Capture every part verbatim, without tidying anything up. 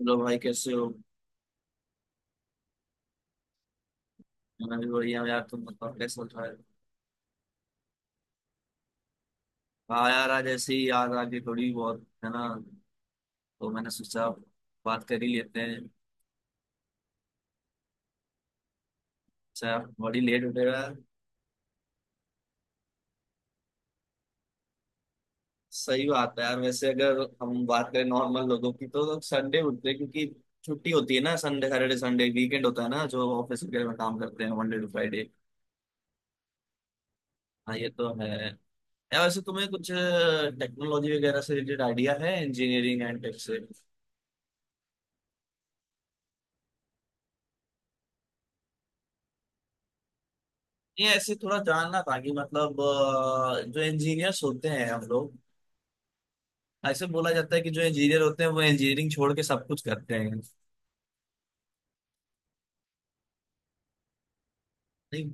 Hello भाई कैसे हो। मैं भी बढ़िया हूँ यार, तुम बताओ कैसे चल रहा है। हाँ यार, आज ऐसे ही याद आ गई थोड़ी बहुत, है ना, तो मैंने सोचा बात कर ही लेते हैं। अच्छा बड़ी लेट उठेगा। सही बात है यार, वैसे अगर हम बात करें नॉर्मल लोगों की तो लोग संडे उठते हैं क्योंकि छुट्टी होती है ना। संडे सैटरडे, संडे वीकेंड होता है ना, जो ऑफिस वगैरह में काम करते हैं मंडे टू फ्राइडे। हाँ ये तो है। यार वैसे तुम्हें कुछ टेक्नोलॉजी वगैरह से रिलेटेड आइडिया है, इंजीनियरिंग एंड टेक से? ये ऐसे थोड़ा जानना था कि मतलब, अ, जो इंजीनियर्स होते हैं हम लोग, ऐसे बोला जाता है कि जो इंजीनियर होते हैं वो इंजीनियरिंग छोड़ के सब कुछ करते हैं। नहीं,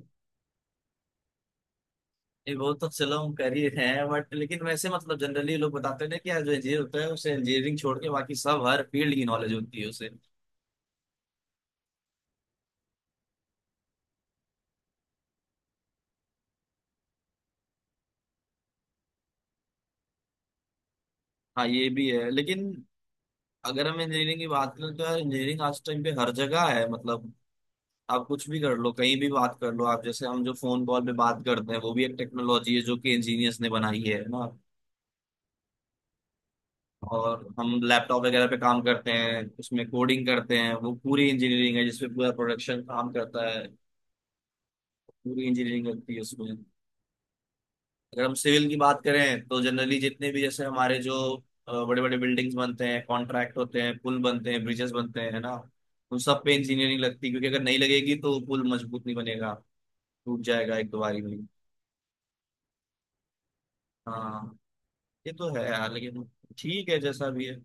ये वो तो चलो हम कर ही रहे हैं, बट लेकिन वैसे मतलब जनरली लोग बताते हैं ना कि यार जो इंजीनियर होता है उसे इंजीनियरिंग छोड़ के बाकी सब हर फील्ड की नॉलेज होती है उसे। हाँ ये भी है लेकिन अगर हम इंजीनियरिंग की बात करें तो यार इंजीनियरिंग आज टाइम पे हर जगह है। मतलब आप कुछ भी कर लो, कहीं भी बात कर लो, आप जैसे हम जो फोन कॉल पे बात करते हैं वो भी एक टेक्नोलॉजी है जो कि इंजीनियर्स ने बनाई है ना। और हम लैपटॉप वगैरह पे काम करते हैं, उसमें कोडिंग करते हैं, वो पूरी इंजीनियरिंग है जिसमें पूरा प्रोडक्शन काम करता है। पूरी इंजीनियरिंग लगती है उसमें। अगर हम सिविल की बात करें तो जनरली जितने भी जैसे हमारे जो बड़े बड़े बिल्डिंग्स बनते हैं, कॉन्ट्रैक्ट होते हैं, पुल बनते हैं, ब्रिजेस बनते हैं, है ना, उन सब पे इंजीनियरिंग लगती है क्योंकि अगर नहीं लगेगी तो पुल मजबूत नहीं बनेगा, टूट जाएगा एक दो बारी में। हाँ ये तो है यार, लेकिन ठीक है, जैसा भी है,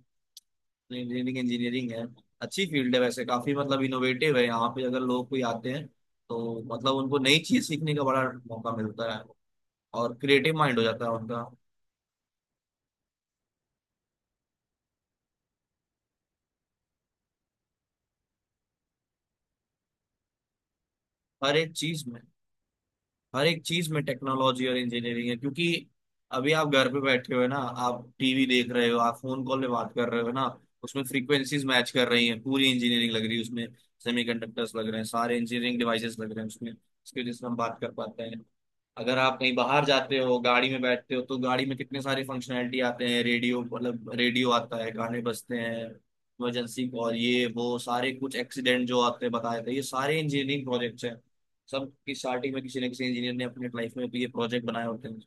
इंजीनियरिंग इंजीनियरिंग है। अच्छी फील्ड है वैसे, काफी मतलब इनोवेटिव है। यहाँ पे अगर लोग कोई आते हैं तो मतलब उनको नई चीज सीखने का बड़ा मौका मिलता है, और क्रिएटिव माइंड हो जाता है उनका। हर एक चीज में, हर एक चीज में टेक्नोलॉजी और इंजीनियरिंग है, क्योंकि अभी आप घर पे बैठे हो ना, आप टीवी देख रहे हो, आप फोन कॉल में बात कर रहे हो ना, उसमें फ्रीक्वेंसीज मैच कर रही हैं, पूरी इंजीनियरिंग लग रही है उसमें। सेमीकंडक्टर्स लग रहे हैं, सारे इंजीनियरिंग डिवाइसेस लग रहे हैं उसमें, इसकी वजह से हम बात कर पाते हैं। अगर आप कहीं बाहर जाते हो, गाड़ी में बैठते हो, तो गाड़ी में कितने सारे फंक्शनैलिटी आते हैं, रेडियो, मतलब रेडियो आता है, गाने बजते हैं, इमरजेंसी कॉल, ये वो सारे कुछ एक्सीडेंट जो आते हैं बताए थे, ये सारे इंजीनियरिंग प्रोजेक्ट्स हैं। सब की स्टार्टिंग में किसी न किसी इंजीनियर ने अपने लाइफ में भी ये प्रोजेक्ट बनाए होते हैं।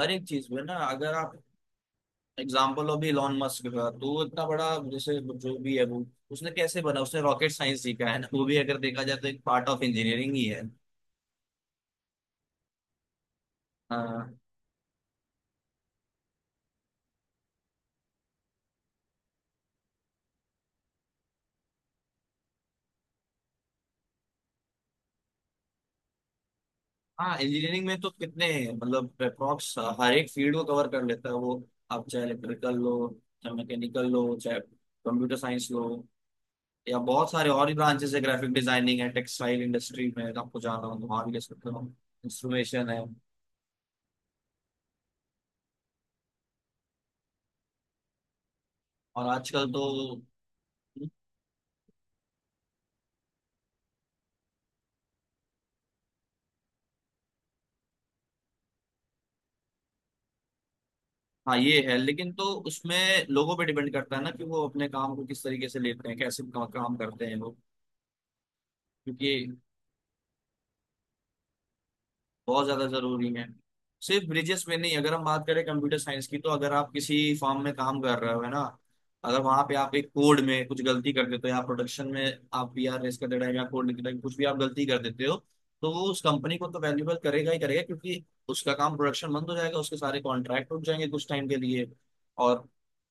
हर एक चीज में ना, अगर आप एग्जाम्पल हो भी इलॉन मस्क का, तो वो इतना बड़ा जैसे जो भी है वो, उसने कैसे बना, उसने रॉकेट साइंस सीखा है ना, वो भी अगर देखा जाए तो एक पार्ट ऑफ इंजीनियरिंग ही है। हाँ हाँ, इंजीनियरिंग में तो कितने मतलब अप्रॉक्स हर एक फील्ड को कवर कर लेता है वो। आप चाहे इलेक्ट्रिकल लो, चाहे मैकेनिकल लो, चाहे कंप्यूटर साइंस लो, या बहुत सारे और भी ब्रांचेस है। ग्राफिक डिजाइनिंग है, टेक्सटाइल इंडस्ट्री में अगर आपको जाना हो तो वहाँ भी ले सकते हो। इंस्ट्रूमेशन है। और आजकल तो, हाँ ये है लेकिन, तो उसमें लोगों पे डिपेंड करता है ना कि वो अपने काम को किस तरीके से लेते हैं, कैसे का, काम करते हैं वो। क्योंकि बहुत ज्यादा जरूरी है। सिर्फ ब्रिजेस में नहीं, अगर हम बात करें कंप्यूटर साइंस की तो अगर आप किसी फॉर्म में काम कर रहे हो, है ना, अगर वहां पे आप एक कोड में कुछ गलती कर देते हो या प्रोडक्शन में आप पी आर रेस कर दे रहे हो या कोड लिख रहे हो, कुछ भी आप गलती कर देते हो, तो वो उस कंपनी को तो वैल्यूबल करेगा ही करेगा, क्योंकि उसका काम प्रोडक्शन बंद हो जाएगा, उसके सारे कॉन्ट्रैक्ट रुक जाएंगे कुछ टाइम के लिए। और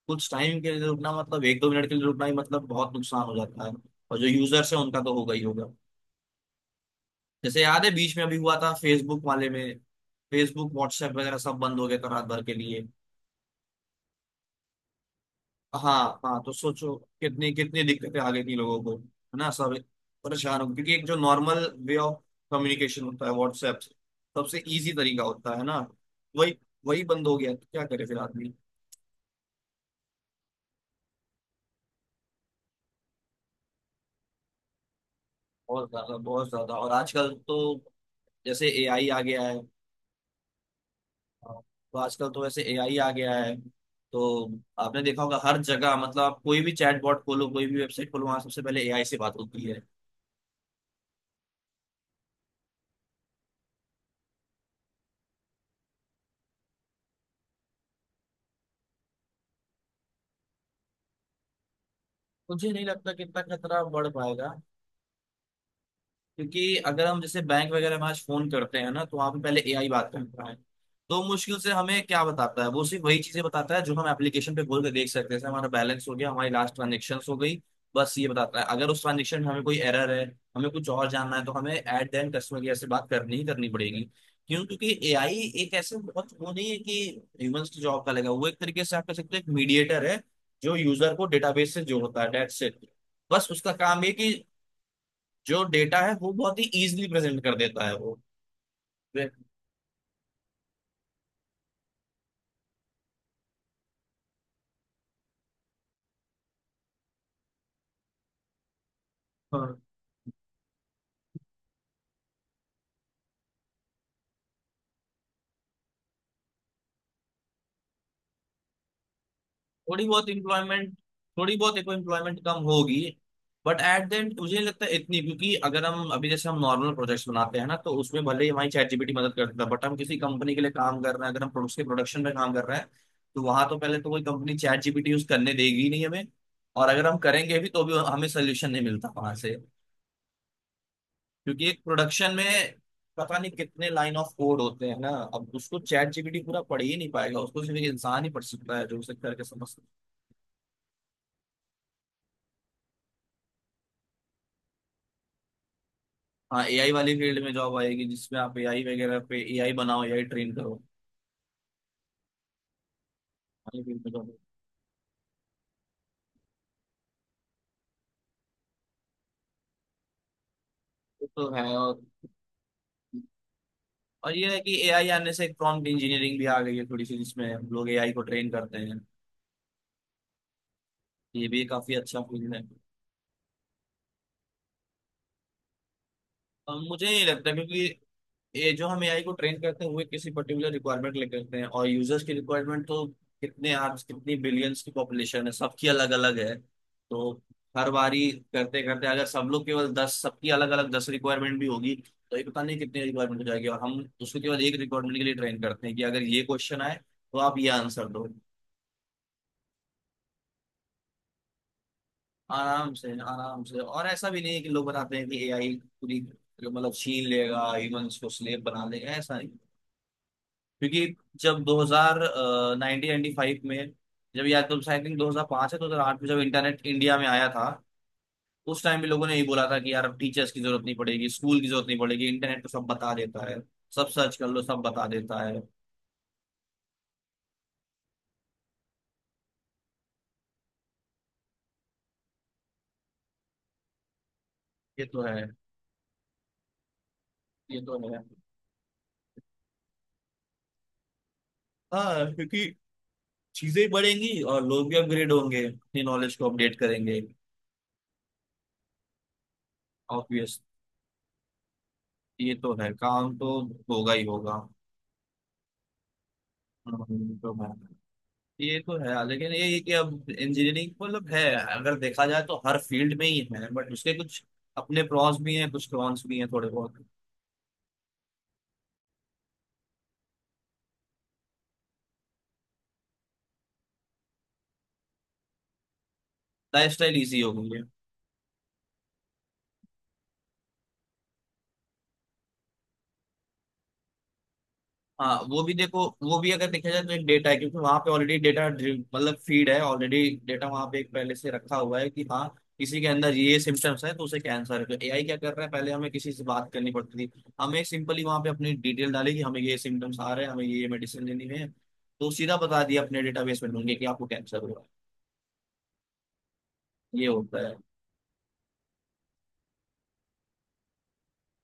कुछ टाइम के लिए रुकना मतलब एक दो मिनट के लिए रुकना ही मतलब बहुत नुकसान हो जाता है। और जो यूजर्स है उनका तो होगा ही होगा। जैसे याद है बीच में अभी हुआ था, फेसबुक वाले में, फेसबुक व्हाट्सएप वगैरह सब बंद हो गए थे रात भर के लिए। हाँ हाँ, तो सोचो कितनी कितनी दिक्कतें आ गई थी लोगों को, है ना, सब परेशान हो गए। क्योंकि एक जो नॉर्मल वे ऑफ कम्युनिकेशन होता है व्हाट्सएप से, सबसे इजी तरीका होता है ना, वही वही बंद हो गया तो क्या करे फिर आदमी। बहुत ज्यादा, बहुत ज्यादा। और आजकल तो, जैसे एआई आ गया है, तो आजकल तो वैसे एआई आ गया है, तो आपने देखा होगा हर जगह, मतलब आप कोई भी चैट बॉट खोलो, कोई भी वेबसाइट खोलो, वहां सबसे पहले एआई से बात होती है। मुझे नहीं लगता कि इतना खतरा बढ़ पाएगा, क्योंकि अगर हम जैसे बैंक वगैरह में आज फोन करते हैं ना, तो वहां पे पहले एआई बात करता है। तो मुश्किल से हमें क्या बताता है वो, सिर्फ वही चीजें बताता है जो हम एप्लीकेशन पे खोल के देख सकते हैं, जैसे हमारा बैलेंस हो गया, हमारी लास्ट ट्रांजेक्शन हो गई, बस ये बताता है। अगर उस ट्रांजेक्शन में हमें कोई एरर है, हमें कुछ और जानना है, तो हमें एट देन कस्टमर केयर से बात करनी ही करनी पड़ेगी। क्यों? क्योंकि एआई एक ऐसे बहुत वो नहीं है कि ह्यूमंस की जॉब का लेगा। वो एक तरीके से आप कह सकते हो एक मीडिएटर है जो यूजर को डेटाबेस से जोड़ता है, डेट्स इट। बस उसका काम ये कि जो डेटा है वो बहुत ही इजीली प्रेजेंट कर देता है वो। वे- हाँ, थोड़ी बहुत इम्प्लॉयमेंट थोड़ी बहुत एम्प्लॉयमेंट कम होगी, बट एट द एंड मुझे नहीं लगता है इतनी, क्योंकि अगर हम अभी जैसे हम नॉर्मल प्रोजेक्ट्स बनाते हैं ना, तो उसमें भले ही हमारी चैट जीपीटी मदद कर देता है, बट हम किसी कंपनी के लिए काम कर रहे हैं, अगर हम प्रोडक्ट के प्रोडक्शन में काम कर रहे हैं, तो वहां तो पहले तो कोई कंपनी चैट जीपीटी यूज करने देगी ही नहीं हमें। और अगर हम करेंगे भी तो भी हमें सोल्यूशन नहीं मिलता वहां से, क्योंकि एक प्रोडक्शन में पता नहीं कितने लाइन ऑफ कोड होते हैं ना, अब उसको चैट जीपीटी पूरा पढ़ ही नहीं पाएगा, उसको सिर्फ एक इंसान ही पढ़ सकता है जो उसे करके समझ सकता है। हाँ एआई वाली फील्ड में जॉब आएगी, जिसमें आप एआई वगैरह पे एआई बनाओ, एआई ट्रेन करो वाली फील्ड में जॉब। ये तो है। और और ये है कि एआई आने से एक प्रॉम्प्ट इंजीनियरिंग भी आ गई है थोड़ी सी, जिसमें हम लोग एआई को ट्रेन करते हैं। ये भी काफी अच्छा फील्ड है। और मुझे नहीं लगता, क्योंकि ये जो हम एआई को ट्रेन करते हैं वो एक किसी पर्टिकुलर रिक्वायरमेंट लेके करते हैं, और यूजर्स की रिक्वायरमेंट तो कितने आर्ब्स, कितनी बिलियंस की पॉपुलेशन है, सबकी अलग अलग है। तो हर बारी करते करते, अगर सब लोग केवल दस, सबकी अलग अलग दस रिक्वायरमेंट भी होगी, तो ये पता नहीं कितनी रिक्वायरमेंट हो जाएगी, और हम उसको केवल एक रिक्वायरमेंट के लिए ट्रेन करते हैं कि अगर ये क्वेश्चन आए तो आप ये आंसर दो। आराम से, आराम से। और ऐसा भी नहीं है कि लोग बताते हैं कि एआई पूरी मतलब छीन लेगा, ह्यूमंस को स्लेव बना देगा, ऐसा नहीं। क्योंकि जब दो हज़ार नाइंटीन नाइंटी फाइव में, जब या तो आई थिंक दो हज़ार पाँच है, दो हज़ार आठ में जब इंटरनेट इंडिया में आया था, उस टाइम भी लोगों ने यही बोला था कि यार अब टीचर्स की जरूरत नहीं पड़ेगी, स्कूल की जरूरत नहीं पड़ेगी, इंटरनेट तो सब बता देता है, सब सर्च कर लो, सब बता देता है। ये तो है, ये तो है। हाँ क्योंकि चीजें बढ़ेंगी और लोग भी अपग्रेड होंगे, अपनी नॉलेज को अपडेट करेंगे। ऑब्वियस, ये तो है, काम तो होगा ही होगा। हम्म, तो है, ये तो है लेकिन ये ये कि अब इंजीनियरिंग मतलब है, अगर देखा जाए तो हर फील्ड में ही है, बट उसके कुछ अपने प्रॉस भी हैं, कुछ कॉन्स भी हैं थोड़े बहुत। लाइफ स्टाइल ईजी हो गई है। हाँ वो भी देखो, वो भी अगर देखा जाए तो एक डेटा है, क्योंकि वहाँ पे ऑलरेडी डेटा मतलब फीड है ऑलरेडी। डेटा वहाँ पे एक पहले से रखा हुआ है कि हाँ किसी के अंदर ये सिम्टम्स है तो उसे कैंसर है। तो एआई क्या कर रहा है, पहले हमें किसी से बात करनी पड़ती थी, हमें सिंपली वहाँ पे अपनी डिटेल डाली कि हमें ये सिम्टम्स आ रहे हैं, हमें ये मेडिसिन लेनी है, तो सीधा बता दिया अपने डेटाबेस में ढूंढे कि आपको कैंसर हुआ है। ये होता है।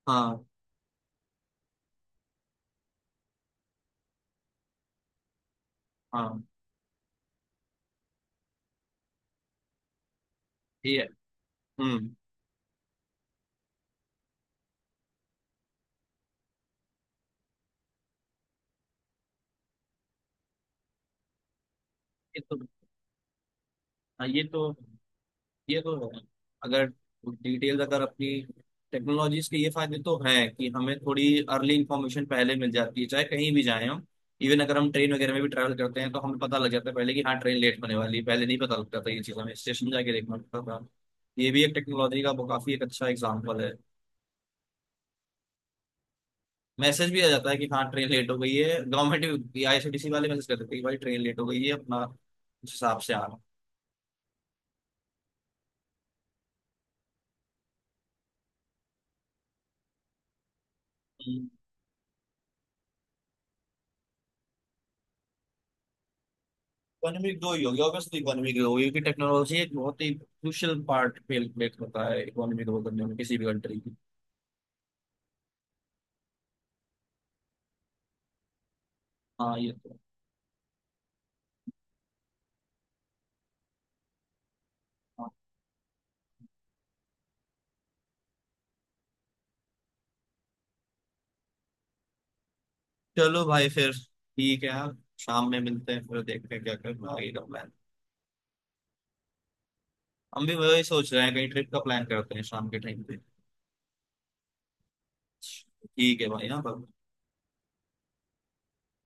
हाँ हाँ। ये हम्म, ये तो, हाँ ये तो, ये तो है। अगर डिटेल अगर अपनी, टेक्नोलॉजीज के ये फायदे तो हैं कि हमें थोड़ी अर्ली इंफॉर्मेशन पहले मिल जाती है, चाहे कहीं भी जाएं हम। इवन अगर हम ट्रेन वगैरह में भी ट्रैवल करते हैं तो हमें पता लग जाता है पहले कि हाँ ट्रेन लेट होने वाली है। पहले नहीं पता लगता था, ये चीज़ हमें स्टेशन जाके देखना पड़ता था। ये भी एक टेक्नोलॉजी का वो काफी एक अच्छा एग्जाम्पल है। मैसेज भी आ जाता है कि हाँ ट्रेन लेट हो गई है, गवर्नमेंट, आईआरसीटीसी वाले मैसेज कर देते हैं कि भाई ट्रेन लेट हो गई है, अपना उस हिसाब से आना। इकोनॉमिक ग्रो ही होगी, ऑब्वियसली इकोनॉमिक ग्रो होगी, क्योंकि टेक्नोलॉजी एक बहुत ही क्रूशियल पार्ट प्ले होता है इकोनॉमी ग्रो करने में किसी भी कंट्री की। हाँ ये तो हाँ। चलो भाई फिर, ठीक है यार, शाम में मिलते हैं, फिर देखते हैं क्या करना, आगे का प्लान। हम भी वही सोच रहे हैं, कहीं ट्रिप का प्लान करते हैं शाम के टाइम पे। ठीक है भाई, हाँ bye।